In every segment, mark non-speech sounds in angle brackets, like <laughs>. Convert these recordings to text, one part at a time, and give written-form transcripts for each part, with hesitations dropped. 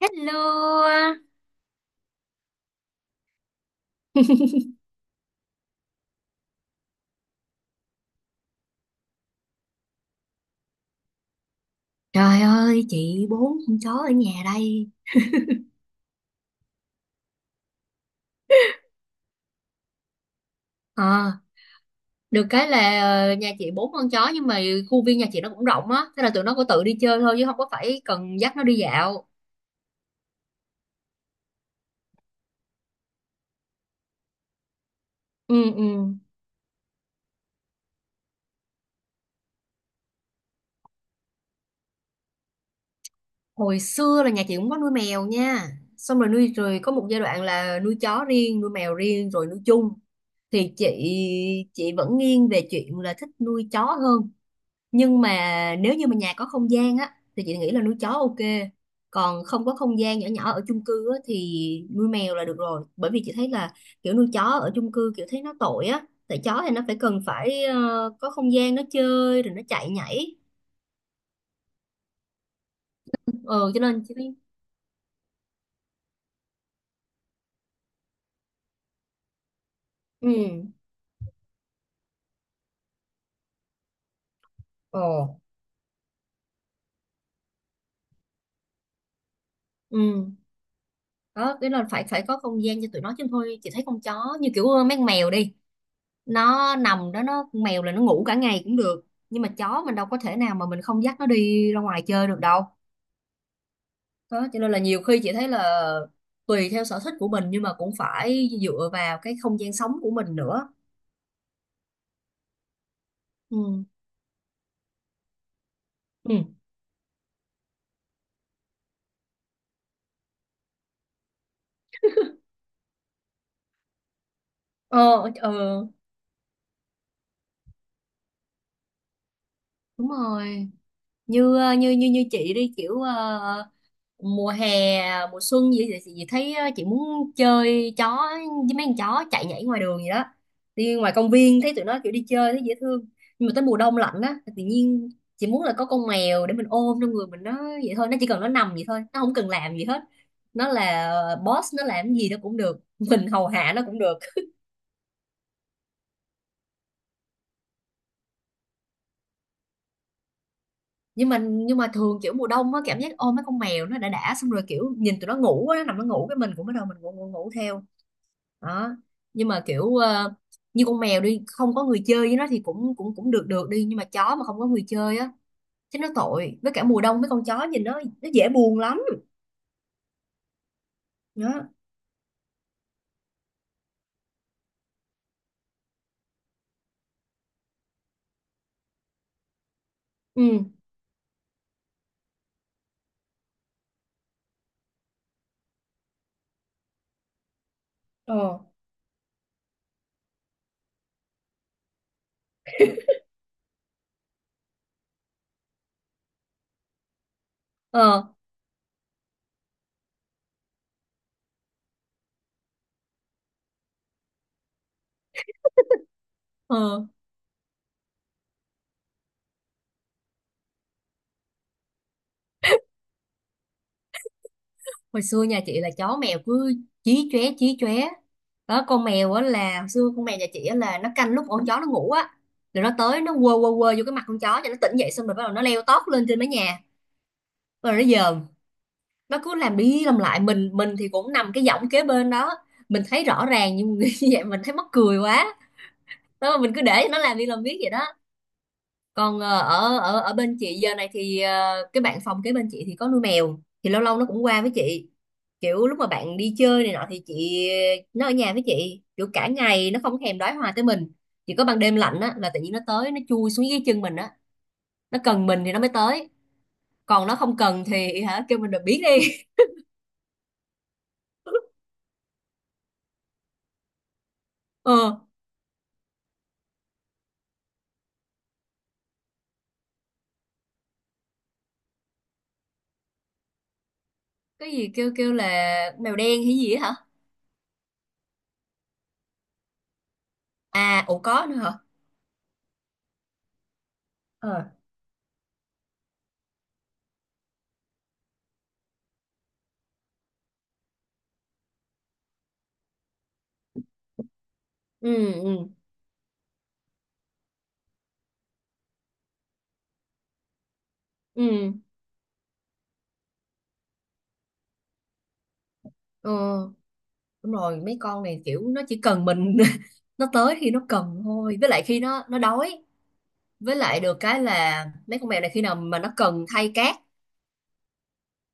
Hello. Trời ơi, chị bốn con chó ở nhà đây. Ờ, được cái là nhà chị bốn con chó, nhưng mà khu viên nhà chị nó cũng rộng á, thế là tụi nó có tự đi chơi thôi chứ không có phải cần dắt nó đi dạo. Ừ, ừ. Hồi xưa là nhà chị cũng có nuôi mèo nha. Xong rồi nuôi rồi có một giai đoạn là nuôi chó riêng, nuôi mèo riêng rồi nuôi chung. Thì chị vẫn nghiêng về chuyện là thích nuôi chó hơn. Nhưng mà nếu như mà nhà có không gian á thì chị nghĩ là nuôi chó OK, còn không có không gian, nhỏ nhỏ ở chung cư á, thì nuôi mèo là được rồi, bởi vì chị thấy là kiểu nuôi chó ở chung cư kiểu thấy nó tội á, tại chó thì nó phải cần phải có không gian nó chơi rồi nó chạy nhảy. Ừ cho nên chị thấy. Ừ. Ồ. Ừ. Đó, cái là phải phải có không gian cho tụi nó chứ, thôi chị thấy con chó như kiểu mấy con mèo đi, nó nằm đó, nó, con mèo là nó ngủ cả ngày cũng được, nhưng mà chó mình đâu có thể nào mà mình không dắt nó đi ra ngoài chơi được đâu. Đó, cho nên là nhiều khi chị thấy là tùy theo sở thích của mình, nhưng mà cũng phải dựa vào cái không gian sống của mình nữa. Ừ. Ừ. Ờ. ờ, đúng rồi. Như như chị đi kiểu mùa hè, mùa xuân gì thì chị thấy chị muốn chơi chó, với mấy con chó chạy nhảy ngoài đường gì đó, đi ngoài công viên thấy tụi nó kiểu đi chơi thấy dễ thương. Nhưng mà tới mùa đông lạnh á, tự nhiên chị muốn là có con mèo để mình ôm trong người mình. Nó vậy thôi, nó chỉ cần nó nằm vậy thôi, nó không cần làm gì hết. Nó là boss, nó làm gì nó cũng được, <laughs> mình hầu hạ nó cũng được. Nhưng mà thường kiểu mùa đông á, cảm giác ôm mấy con mèo nó đã, xong rồi kiểu nhìn tụi nó ngủ á, nó nằm nó ngủ cái mình cũng bắt đầu mình ngủ ngủ, ngủ theo. Đó. Nhưng mà kiểu như con mèo đi không có người chơi với nó thì cũng cũng cũng được được đi, nhưng mà chó mà không có người chơi á chứ nó tội, với cả mùa đông mấy con chó nhìn nó dễ buồn lắm. Đó. Ừ. Ờ. Ờ. Ờ. Hồi xưa nhà chị là chó mèo cứ chí chóe chí chóe. Đó, con mèo á, là hồi xưa con mèo nhà chị á, là nó canh lúc con chó nó ngủ á, rồi nó tới nó quơ quơ quơ vô cái mặt con chó cho nó tỉnh dậy, xong rồi bắt đầu nó leo tót lên trên mái nhà rồi nó dòm. Nó cứ làm đi làm lại, mình thì cũng nằm cái giọng kế bên đó, mình thấy rõ ràng nhưng <laughs> như vậy mình thấy mắc cười quá. Đó, mà mình cứ để nó làm đi làm, biết vậy đó. Còn ờ, ở ở ở bên chị giờ này thì cái bạn phòng kế bên chị thì có nuôi mèo, thì lâu lâu nó cũng qua với chị. Kiểu lúc mà bạn đi chơi này nọ thì chị, nó ở nhà với chị kiểu cả ngày, nó không thèm đói hoài tới mình. Chỉ có ban đêm lạnh á là tự nhiên nó tới nó chui xuống dưới chân mình á. Nó cần mình thì nó mới tới, còn nó không cần thì hả, kêu mình là biến đi. <laughs> ờ cái gì kêu kêu là mèo đen hay gì á hả? À, ủa có nữa hả? Ờ. Ừ, ừ, ừ. Ờ, đúng rồi, mấy con này kiểu nó chỉ cần mình <laughs> nó tới khi nó cần thôi, với lại khi nó đói. Với lại được cái là mấy con mèo này, khi nào mà nó cần thay cát,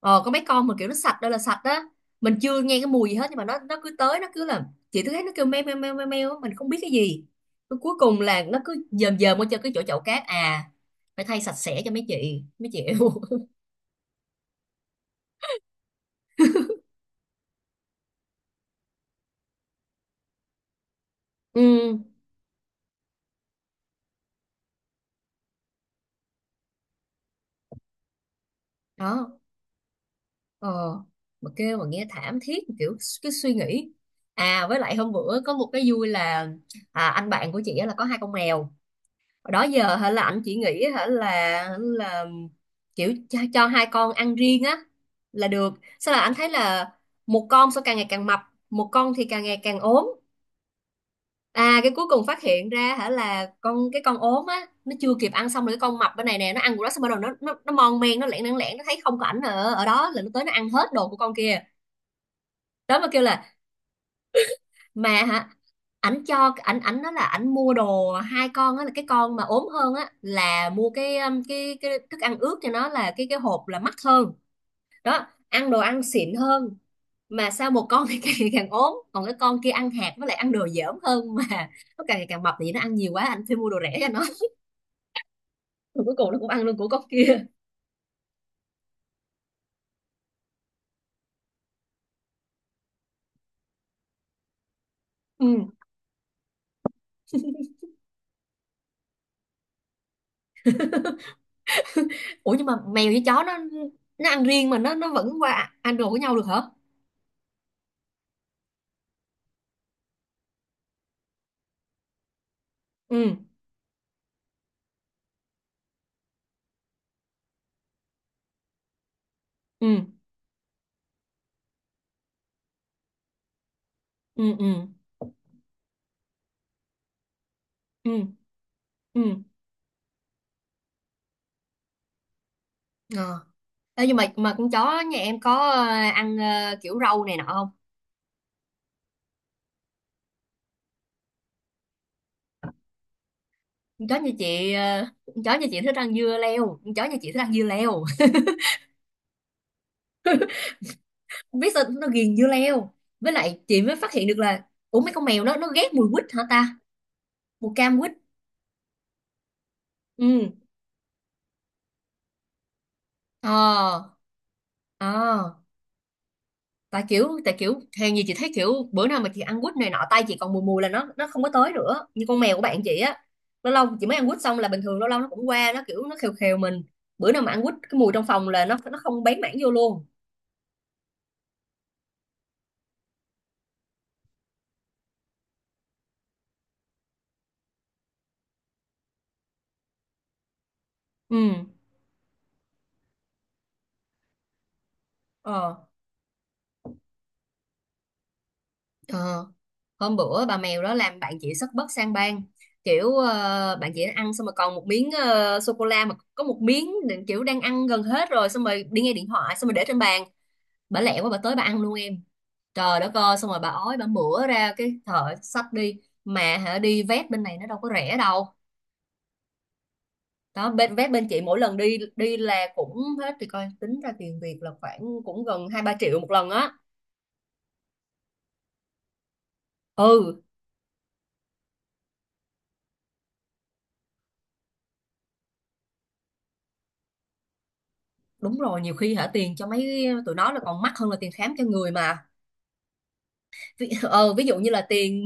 ờ có mấy con mà kiểu nó sạch đây là sạch á, mình chưa nghe cái mùi gì hết nhưng mà nó cứ tới nó cứ là, chị cứ thấy nó kêu meo meo meo meo meo á, mình không biết cái gì. Rồi cuối cùng là nó cứ dờm dờm qua cho cái chỗ chậu cát, à phải thay sạch sẽ cho mấy chị mấy chị. <laughs> Ừ. Đó. Ờ. Mà kêu mà nghe thảm thiết kiểu cái suy nghĩ. À với lại hôm bữa có một cái vui là, à, anh bạn của chị á là có hai con mèo. Hồi đó giờ hả, là anh chỉ nghĩ hả là kiểu cho hai con ăn riêng á là được, sao là anh thấy là một con sao càng ngày càng mập, một con thì càng ngày càng ốm. À, cái cuối cùng phát hiện ra hả là con, cái con ốm á nó chưa kịp ăn, xong rồi cái con mập bên này nè nó ăn của nó xong, bắt đầu nó nó mon men, nó lẻn lẻn lẻn, nó thấy không có ảnh ở ở đó là nó tới nó ăn hết đồ của con kia. Đó mà kêu là, mà hả, ảnh cho, ảnh ảnh nó, là ảnh mua đồ hai con á, là cái con mà ốm hơn á là mua cái thức ăn ướt cho nó, là cái hộp là mắc hơn. Đó, ăn đồ ăn xịn hơn. Mà sao một con thì <laughs> càng ngày càng ốm, còn cái con kia ăn hạt với lại ăn đồ dởm hơn mà nó càng ngày càng mập. Thì nó ăn nhiều quá, anh phải mua đồ rẻ cho nó, rồi cuối cùng nó cũng ăn luôn của con kia. Ừ. Ủa nhưng mà mèo với chó nó ăn riêng mà nó vẫn qua ăn đồ của nhau được hả? Ừ, ừ, ừ, ừ, ừ, ừ. À. Ê, nhưng mà con chó nhà em có ăn kiểu rau này nọ không? con chó nhà chị ờ, con chó nhà chị thích ăn dưa leo, con chó nhà chị thích ăn dưa leo. <laughs> Không biết sao nó ghiền dưa leo. Với lại chị mới phát hiện được là, ủa mấy con mèo nó ghét mùi quýt hả ta, mùi cam quýt. Ừ. Ờ. Ờ. Tại kiểu hèn gì chị thấy kiểu bữa nào mà chị ăn quýt này nọ tay chị còn mùi mùi là nó không có tới nữa, như con mèo của bạn chị á, lâu lâu chị mới ăn quýt xong là bình thường, lâu lâu nó cũng qua, nó kiểu nó khều khều mình. Bữa nào mà ăn quýt, cái mùi trong phòng là nó không bén mảng vô luôn. Ừ. Ờ. Ờ. Hôm bữa bà mèo đó làm bạn chị sất bất sang bang. Kiểu bạn chị ăn xong rồi còn một miếng sô cô la, mà có một miếng, kiểu đang ăn gần hết rồi, xong rồi đi nghe điện thoại, xong rồi để trên bàn, bà lẹ quá bà tới bà ăn luôn em. Trời đất ơi, xong rồi bà ói bà mửa ra cái thợ xách đi, mà hả đi vét bên này nó đâu có rẻ đâu. Đó, bên vét bên chị mỗi lần đi đi là cũng hết, thì coi tính ra tiền Việt là khoảng cũng gần hai ba triệu một lần á. Ừ. Đúng rồi, nhiều khi hả tiền cho mấy tụi nó là còn mắc hơn là tiền khám cho người mà. Ví dụ như là tiền.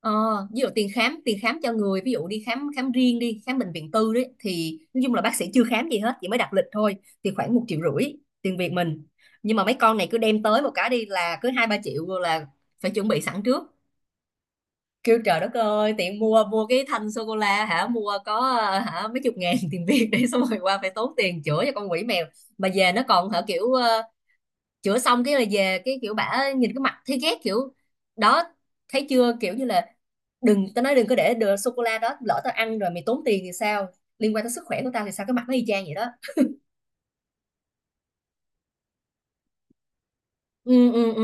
Ờ, Ví dụ tiền khám cho người, ví dụ đi khám khám riêng, đi khám bệnh viện tư đấy, thì nói chung là bác sĩ chưa khám gì hết, chỉ mới đặt lịch thôi thì khoảng một triệu rưỡi tiền Việt mình. Nhưng mà mấy con này cứ đem tới một cái đi là cứ hai ba triệu rồi, là phải chuẩn bị sẵn trước. Kêu trời đất ơi, tiện mua mua cái thanh sô cô la hả, mua có hả mấy chục ngàn <laughs> tiền Việt, để xong rồi qua phải tốn tiền chữa cho con quỷ mèo. Mà về nó còn hả, kiểu chữa xong cái là về, cái kiểu bả nhìn cái mặt thấy ghét kiểu. Đó, thấy chưa, kiểu như là, đừng, tao nói đừng có để đồ sô cô la đó, lỡ tao ăn rồi mày tốn tiền thì sao, liên quan tới sức khỏe của tao thì sao, cái mặt nó y chang vậy đó. Ừ, ừ, ừ.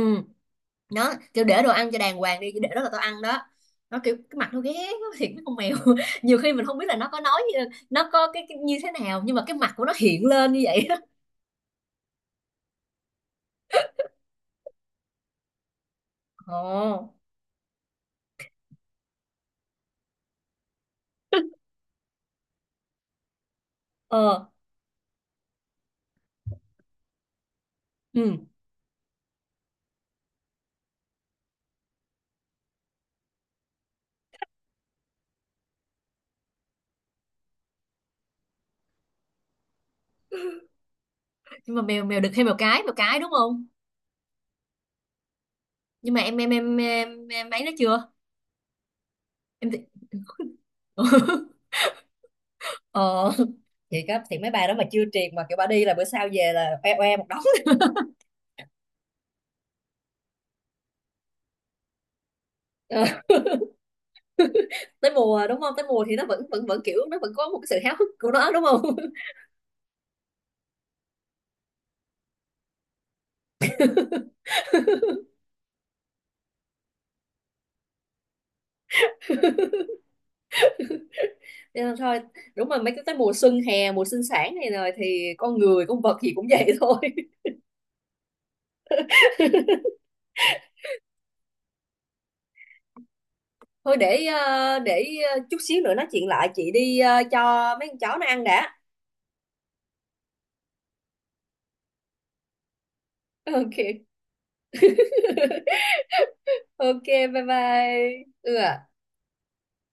Nó kiểu, để đồ ăn cho đàng hoàng đi, chứ để đó là tao ăn đó. Nó kiểu cái mặt nó ghét nó thiệt, nó con mèo, <laughs> nhiều khi mình không biết là nó có nói, nó có cái như thế nào, nhưng mà cái mặt của nó hiện lên như vậy đó. Ồ. Ờ. Ừ. Nhưng mà mèo mèo đực hay mèo cái, mèo cái đúng không? Nhưng mà em ấy nó chưa. Em thì. <laughs> Ờ. Thì cấp thì mấy bài đó mà chưa triệt mà kiểu bà đi là bữa sau về là oe oe một đống. <laughs> Ờ. Tới mùa đúng không, tới mùa thì nó vẫn vẫn vẫn kiểu nó vẫn có một cái sự háo hức của nó đúng không? <laughs> Nên là thôi. Đúng rồi, mấy cái tới mùa xuân hè, mùa sinh sản này rồi thì con người con vật gì cũng vậy thôi. <laughs> Thôi để chút xíu nữa nói chuyện lại, chị đi cho mấy con chó nó ăn đã. <laughs> OK. OK. Bye bye. Ừ ạ.